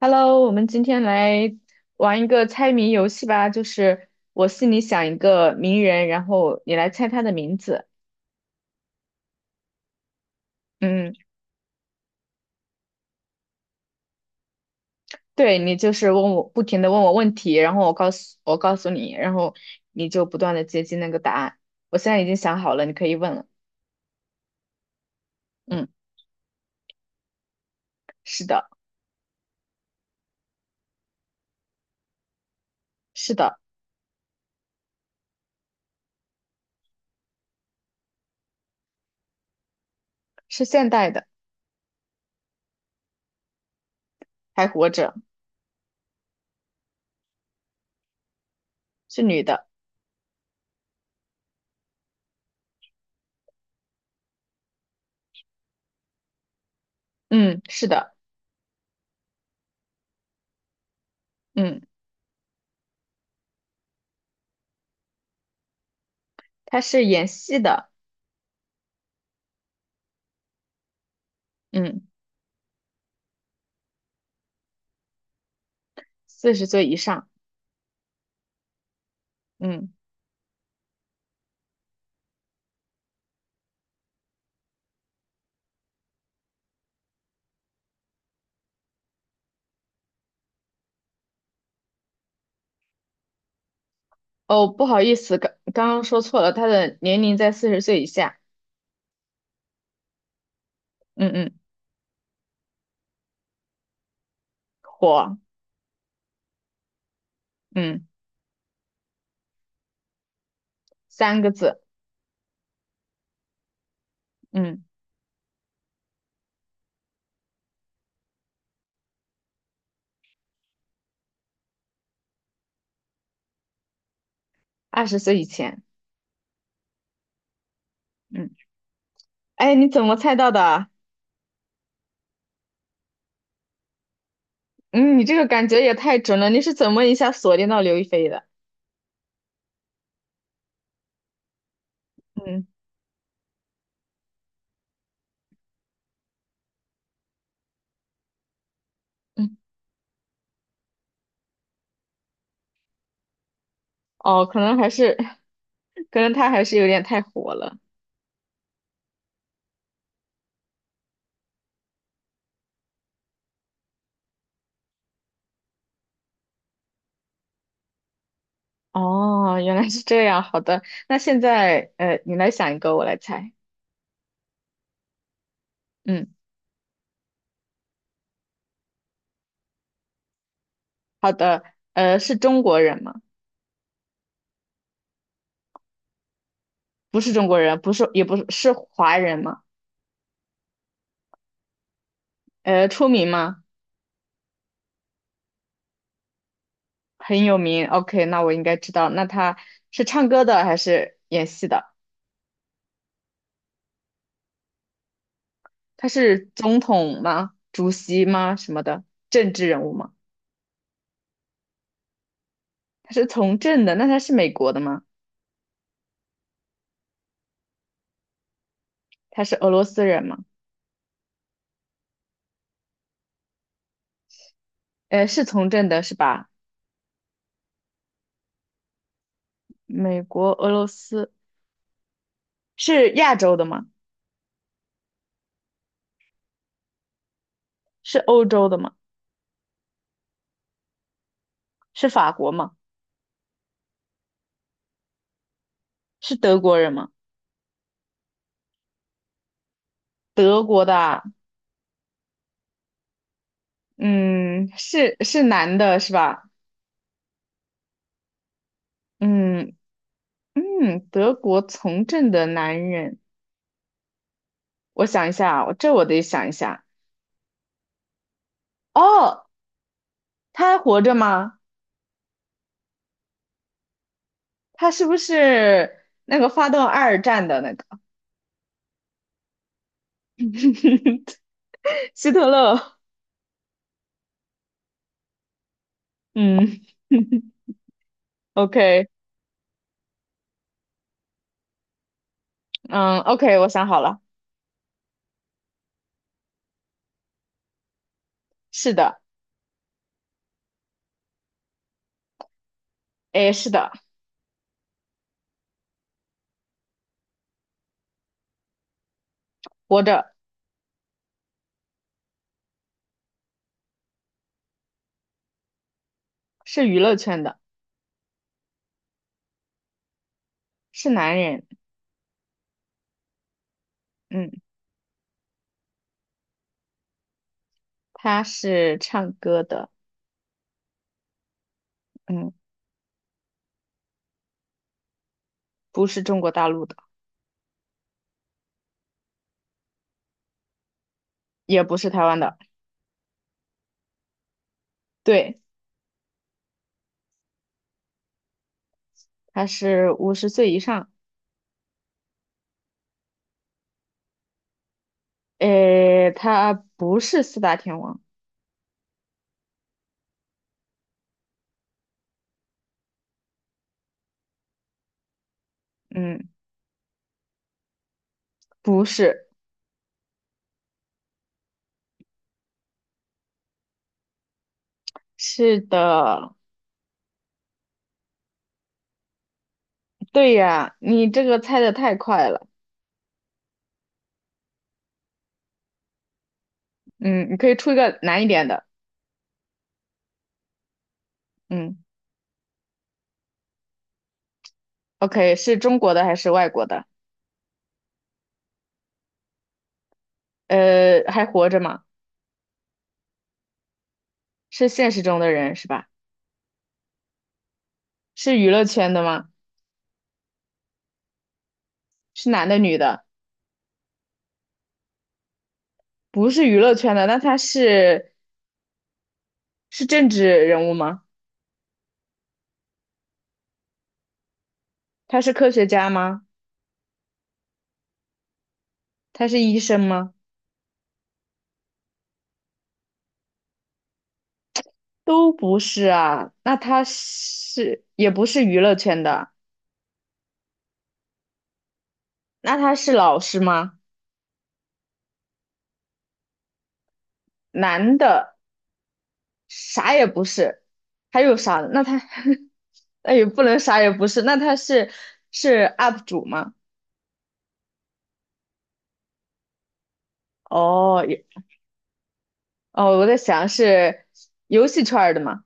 Hello，我们今天来玩一个猜谜游戏吧，就是我心里想一个名人，然后你来猜他的名字。嗯，对，你就是问我，不停的问我问题，然后我告诉你，然后你就不断的接近那个答案。我现在已经想好了，你可以问了。嗯，是的，是的，是现代的，还活着，是女的。嗯，是的，嗯，她是演戏的，嗯，40岁以上，嗯。哦，不好意思，刚刚说错了，他的年龄在40岁以下。嗯嗯，火，嗯，3个字，嗯，20岁以前，嗯，哎，你怎么猜到的啊？嗯，你这个感觉也太准了，你是怎么一下锁定到刘亦菲的？嗯嗯，哦，可能还是，可能他还是有点太火了。哦，原来是这样，好的，那现在你来想一个，我来猜。嗯，好的，是中国人吗？不是中国人，不是，也不是，是华人吗？出名吗？很有名。OK，那我应该知道。那他是唱歌的还是演戏的？他是总统吗？主席吗？什么的？政治人物吗？他是从政的，那他是美国的吗？他是俄罗斯人吗？是从政的是吧？美国、俄罗斯是亚洲的吗？是欧洲的吗？是法国吗？是德国人吗？德国的啊，嗯，是男的是吧？嗯嗯，德国从政的男人。我想一下啊，我得想一下。哦，他还活着吗？他是不是那个发动二战的那个 希特勒？嗯，OK，嗯，OK，我想好了，是的，诶，是的，活着，是娱乐圈的，是男人，嗯，他是唱歌的，嗯，不是中国大陆的，也不是台湾的，对，他是50岁以上，诶，他不是四大天王，嗯，不是。是的，对呀，你这个猜的太快了。嗯，你可以出一个难一点的。嗯，OK，是中国的还是外国的？还活着吗？是现实中的人是吧？是娱乐圈的吗？是男的女的？不是娱乐圈的，那他是政治人物吗？他是科学家吗？他是医生吗？都不是啊。那他是也不是娱乐圈的，那他是老师吗？男的。啥也不是，还有啥了？那他 那也不能啥也不是，那他是 UP 主吗？哦，哦，我在想是游戏圈儿的吗？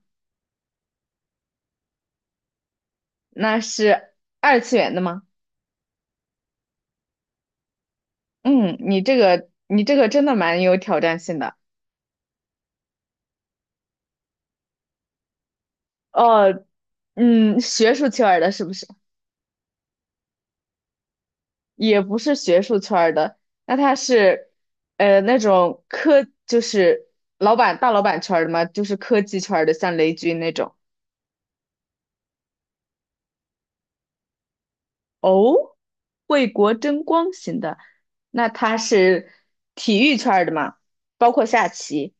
那是二次元的吗？嗯，你这个真的蛮有挑战性的。哦，嗯，学术圈儿的是不是？也不是学术圈儿的，那他是那种就是老板大老板圈儿的吗？就是科技圈儿的，像雷军那种。哦，为国争光型的，那他是体育圈儿的嘛？包括下棋，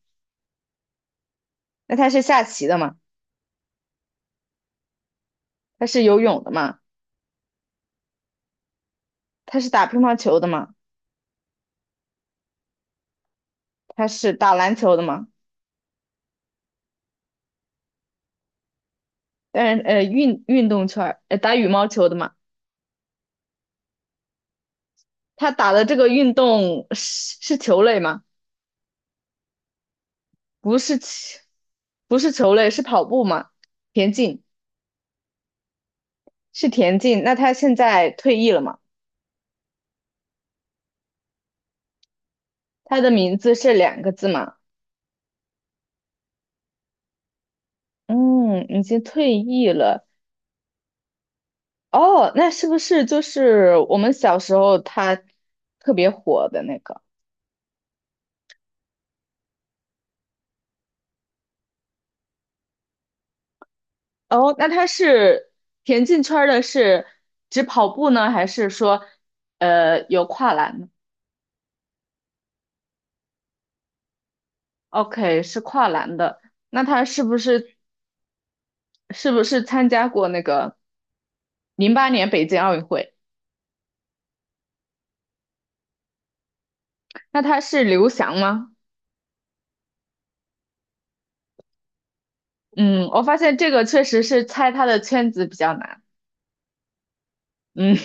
那他是下棋的嘛？他是游泳的嘛？他是打乒乓球的嘛？他是打篮球的嘛？但是运动圈儿，打羽毛球的嘛？他打的这个运动是球类吗？不是棋，不是球类，是跑步吗？田径是田径，那他现在退役了嘛？他的名字是2个字嘛？嗯，已经退役了。哦，那是不是就是我们小时候他特别火的那个？哦，那他是田径圈儿的是只跑步呢，还是说有跨栏呢？OK，是跨栏的。那他是不是是不是参加过那个08年北京奥运会？那他是刘翔吗？嗯，我发现这个确实是猜他的圈子比较难。嗯。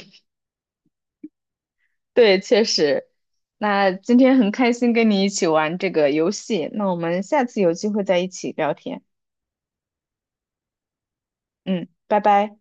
对，确实。那今天很开心跟你一起玩这个游戏，那我们下次有机会再一起聊天。嗯，拜拜。